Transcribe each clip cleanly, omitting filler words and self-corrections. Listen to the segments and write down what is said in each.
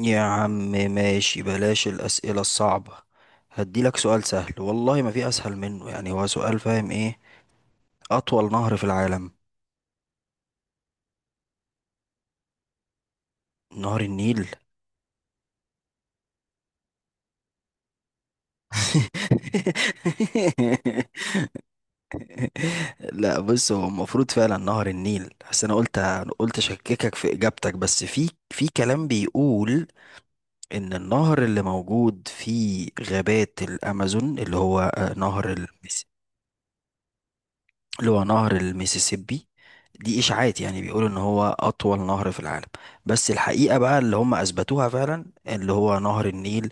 يا عم، ماشي بلاش الأسئلة الصعبة. هديلك سؤال سهل والله ما في أسهل منه، يعني هو سؤال، فاهم إيه؟ أطول نهر في العالم. نهر النيل. لا بص، هو المفروض فعلا نهر النيل، بس أنا قلت أشككك في إجابتك، بس في كلام بيقول إن النهر اللي موجود في غابات الأمازون، اللي هو نهر المسيسيبي، اللي هو نهر الميسيسيبي، دي إشاعات، يعني بيقولوا إن هو أطول نهر في العالم. بس الحقيقة بقى اللي هم أثبتوها فعلا اللي هو نهر النيل.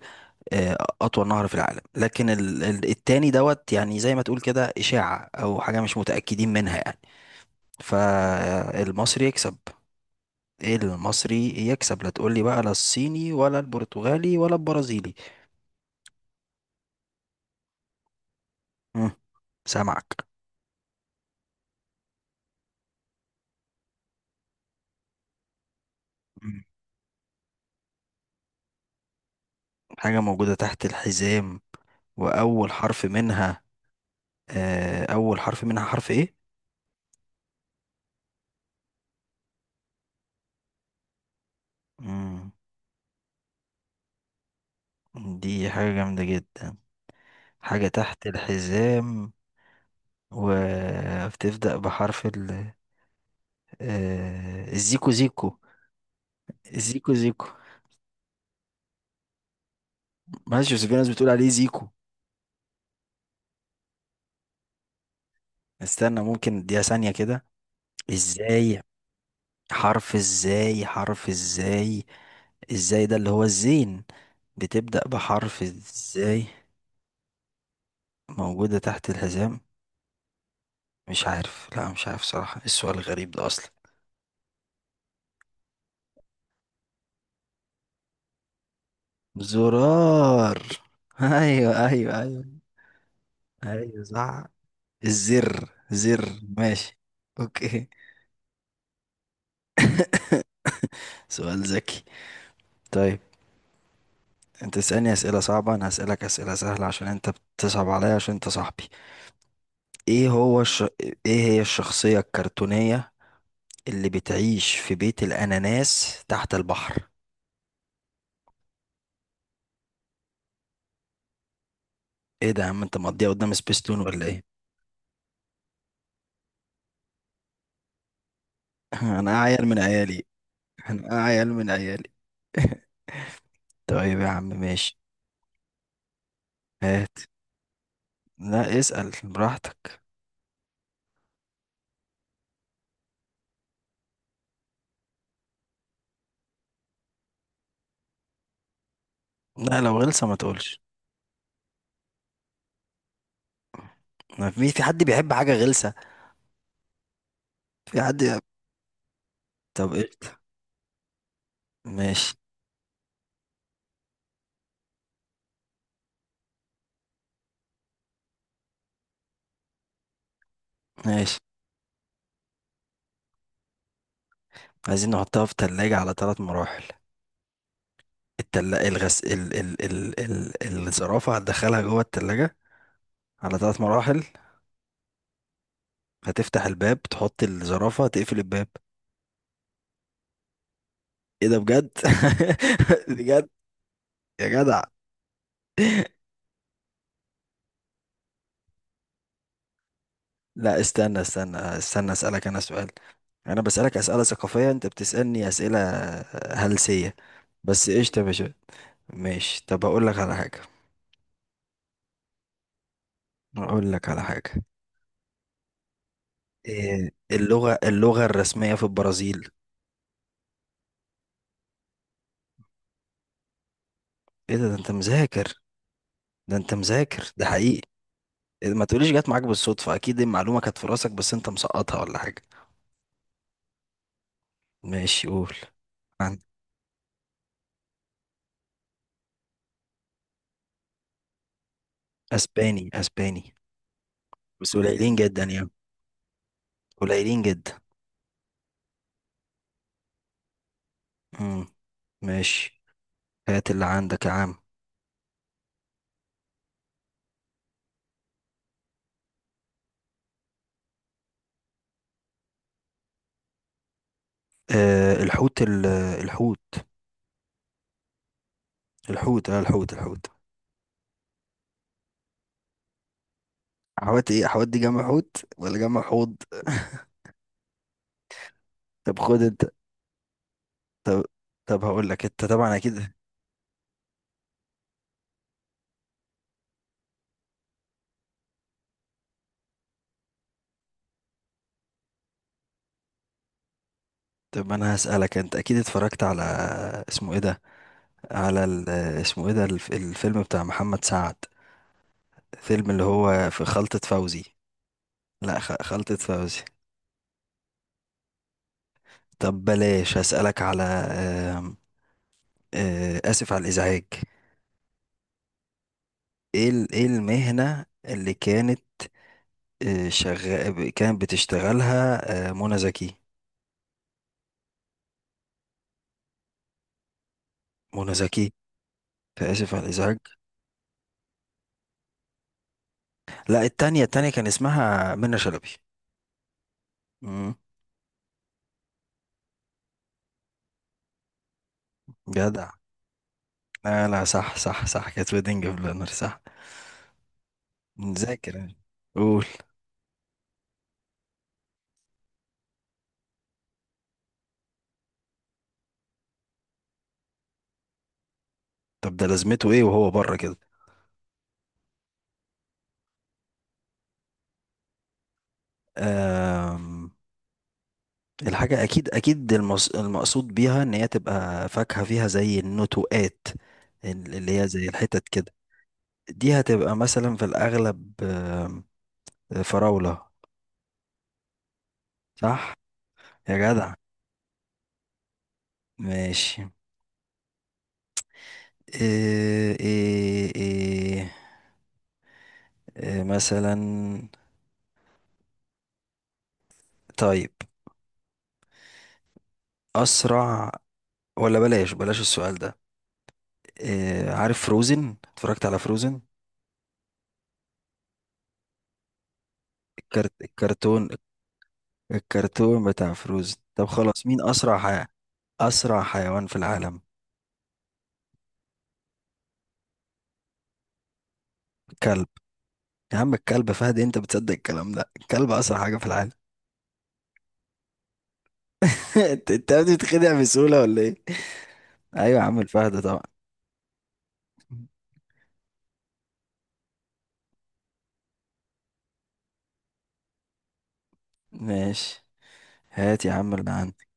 آه، أطول نهر في العالم، لكن التاني دوت، يعني زي ما تقول كده إشاعة أو حاجة مش متأكدين منها يعني. فالمصري يكسب، إيه المصري يكسب، لا تقولي بقى لا الصيني ولا البرتغالي ولا البرازيلي. مم، سامعك. مم. حاجة موجودة تحت الحزام، وأول حرف منها، أول حرف منها حرف إيه؟ مم. دي حاجة جامدة جدا، حاجة تحت الحزام وبتبدأ بحرف ال، الزيكو زيكو. الزيكو زيكو، ماشي، بس في ناس بتقول عليه زيكو. استنى، ممكن اديها ثانية كده. ازاي؟ حرف ازاي؟ حرف ازاي؟ ازاي ده اللي هو الزين؟ بتبدأ بحرف ازاي؟ موجودة تحت الحزام. مش عارف، لا مش عارف صراحة، إيه السؤال الغريب ده أصلا؟ زرار. ايوه ايوه ايوه. ايوه صح. الزر زر. ماشي، اوكي. سؤال ذكي. طيب، انت تسألني اسئلة صعبة، انا هسألك اسئلة سهلة، عشان انت بتصعب عليا، عشان انت صاحبي. ايه هو الش... ايه هي الشخصية الكرتونية اللي بتعيش في بيت الاناناس تحت البحر؟ ايه ده يا عم، انت مقضيها قدام سبيستون ولا ايه؟ انا عيل من عيالي. انا عيل من عيالي. طيب يا عم، ماشي. هات. لا اسأل براحتك. لا لو غلسة ما تقولش. ما في حد بيحب حاجة غلسة. في حد بيحب-. طب قشطة. ماشي. ماشي، عايزين نحطها في تلاجة على ثلاث مراحل. التل... الغس ال... ال... ال... ال... الزرافة هتدخلها جوه التلاجة على ثلاث مراحل. هتفتح الباب، تحط الزرافة، تقفل الباب. ايه ده بجد؟ بجد؟ يا جدع. لا استنى، اسالك انا سؤال. انا بسالك اسئله ثقافيه، انت بتسالني اسئله هلسيه. بس قشطه يا باشا. ماشي، طب اقول لك على حاجه. إيه اللغه الرسميه في البرازيل؟ ايه ده, ده انت مذاكر؟ ده انت مذاكر ده حقيقي. إيه ده، ما تقوليش جت معاك بالصدفه، اكيد المعلومه كانت في راسك بس انت مسقطها ولا حاجه. ماشي قول. عن. اسباني، اسباني. بس قليلين جدا يعني، قليلين جدا. امم. ماشي، هات اللي عندك يا عم. آه الحوت ال- الحوت. الحوت. حوت ايه؟ حوت دي جمع حوت ولا جمع حوض؟ طب خد انت. طب طب هقول لك انت طبعا اكيد. طب انا هسألك، انت اكيد اتفرجت على، اسمه ايه ده، على ال-، اسمه ايه ده الفيلم بتاع محمد سعد، فيلم اللي هو في خلطة فوزي. لا خلطة فوزي. طب بلاش، هسألك على آم، آه، اسف على الازعاج. ايه ايه المهنة اللي كانت، شغال كانت بتشتغلها، منى زكي؟ منى زكي، فآسف على الإزعاج. لا، التانية كان اسمها منى شلبي. مم. جدع. لا لا، صح، كانت ويدنج بلانر، صح. مذاكر أنا. قول. طب ده لازمته ايه وهو بره كده؟ آم، الحاجة أكيد المقصود بيها إن هي تبقى فاكهة فيها زي النتوءات، اللي هي زي الحتت كده. دي هتبقى مثلا في الأغلب فراولة. صح. يا جدع. ماشي. إيه، إيه مثلا، طيب، أسرع، ولا بلاش، بلاش السؤال ده. إيه، عارف فروزن؟ اتفرجت على فروزن؟ الكرتون، الكرتون بتاع فروزن. طب خلاص، أسرع حيوان في العالم؟ كلب. يا عم الكلب فهد؟ انت بتصدق الكلام ده، الكلب أسرع حاجة في العالم؟ أنت بتتخدع بسهولة ولا ايه؟ ايوه يا عم، الفهد طبعا. ماشي، هات يا عم اللي عندك.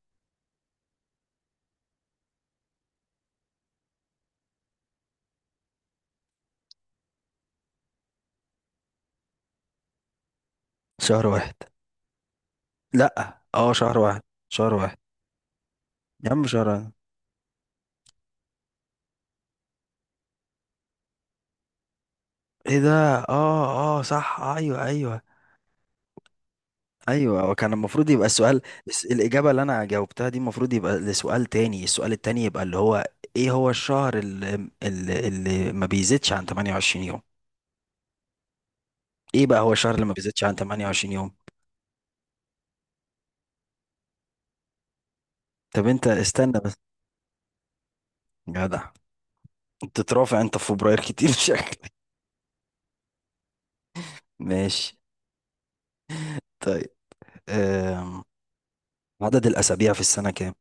شهر واحد. لا اه شهر واحد. شهر واحد. يا عم شهر واحد. ايه ده؟ اه صح، ايوه. وكان المفروض يبقى السؤال، الاجابه اللي انا جاوبتها دي المفروض يبقى لسؤال تاني، السؤال التاني يبقى اللي هو، ايه هو الشهر اللي ما بيزيدش عن 28 يوم؟ ايه بقى هو الشهر اللي ما بيزيدش عن 28 يوم؟ طب انت استنى بس. يا جدع، بتترافع انت في فبراير كتير شكلك. ماشي. طيب. أم. عدد الاسابيع في السنه كام؟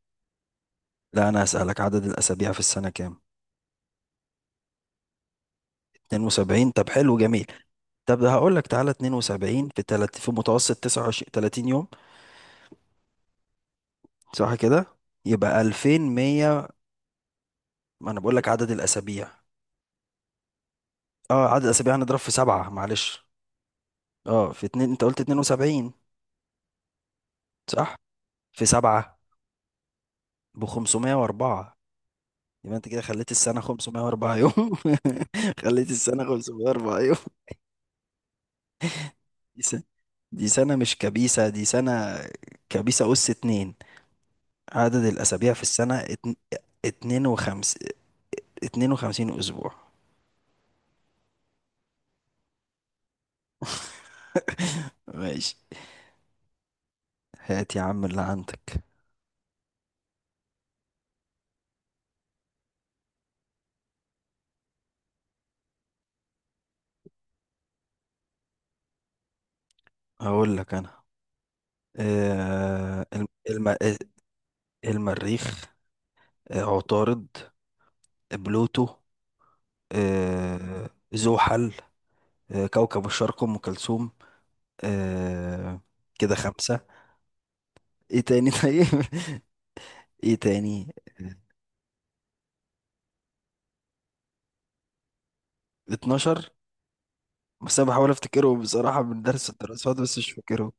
لا انا اسالك، عدد الاسابيع في السنه كام؟ 72. طب حلو جميل. طب ده هقول لك، تعالى 72 في تلت في متوسط 29 30 يوم، صح كده؟ يبقى 2100. ما انا بقول لك عدد الاسابيع، اه عدد الاسابيع هنضرب في 7 معلش، اه في 2، انت قلت 72، صح، في 7، ب 504. يبقى انت كده خليت السنة 504 يوم. خليت السنة 504 يوم. دي سنة، دي سنة مش كبيسة، دي سنة كبيسة أس اتنين. عدد الأسابيع في السنة اتنين وخمس، 52 اسبوع. ماشي، هات يا عم اللي عندك. هقول لك انا، آه، الم... الم... المريخ، آه عطارد، بلوتو، زحل، آه كوكب الشرق ام كلثوم، آه كده خمسة. ايه تاني؟ طيب ايه تاني؟ 12. بس انا بحاول افتكرهم بصراحة من درس الدراسات، بس مش فاكرهم.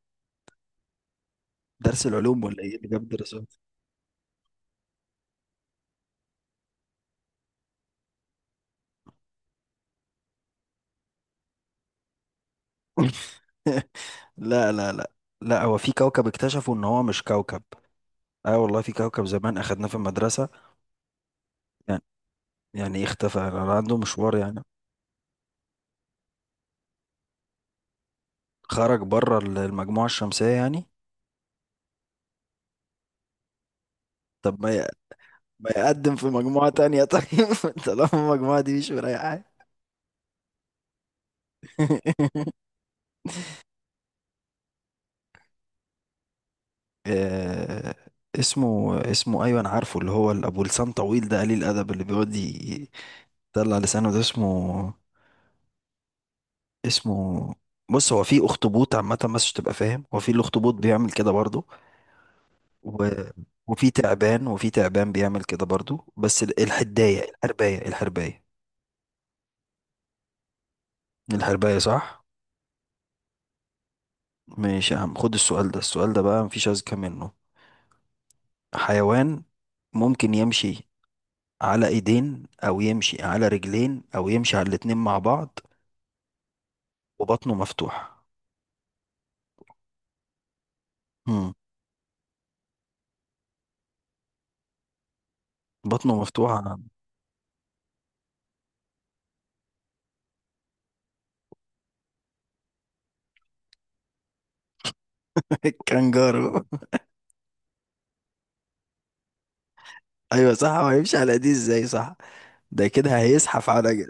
درس العلوم ولا ايه اللي جاب دراسات؟ لا. لا هو في كوكب اكتشفوا ان هو مش كوكب. اه والله، في كوكب زمان اخدناه في المدرسة. يعني، يعني إيه اختفى، أنا عنده مشوار يعني؟ خرج بره المجموعة الشمسية يعني. طب ما ي... ما يقدم في مجموعة تانية طيب طالما المجموعة دي مش مريحة. آه، اسمه، اسمه، ايوه انا عارفه، اللي هو ابو لسان طويل ده قليل الادب، اللي بيقعد يطلع لسانه ده، اسمه، اسمه، بص هو في اخطبوط عامة، بس عشان تبقى فاهم، هو في الاخطبوط بيعمل كده برضه، و... وفي تعبان بيعمل كده برضو، بس ال- الحداية الحرباية. الحرباية، صح. ماشي يا عم، خد السؤال ده، السؤال ده بقى مفيش أذكى منه. حيوان ممكن يمشي على ايدين، او يمشي على رجلين، او يمشي على الاتنين مع بعض، وبطنه مفتوح. مم. بطنه مفتوحة. كانجارو. ايوه صح، هو هيمشي على ايديه ازاي؟ صح. ده كده هيزحف على.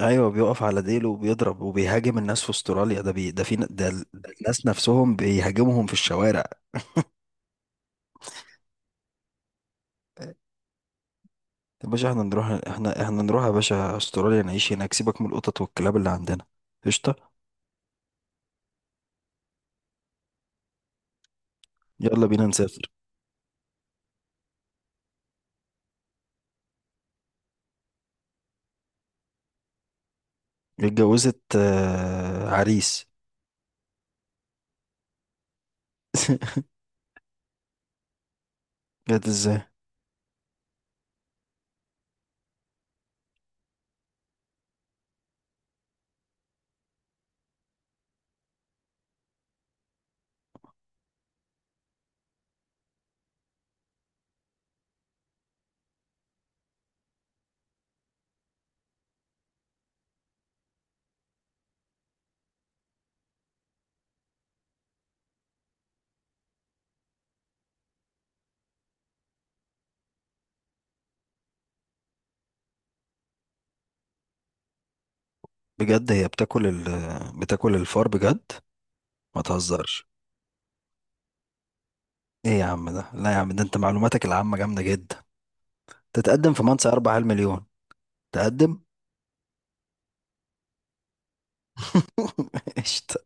ايوه بيقف على ديله وبيضرب وبيهاجم الناس في استراليا، ده بي... ده في ن- ده ال- ده الناس نفسهم بيهاجمهم في الشوارع. يا باشا احنا نروح، احنا احنا نروح يا باشا استراليا، نعيش هناك، سيبك من القطط والكلاب اللي عندنا. قشطه. يلا بينا نسافر. اتجوزت عريس. جد ازاي؟ بجد هي بتاكل ال...، بتاكل الفار بجد؟ ما تهزرش. ايه يا عم ده، لا يا عم ده، انت معلوماتك العامه جامده جدا. تتقدم في منصة 4 مليون. تقدم. قشطه.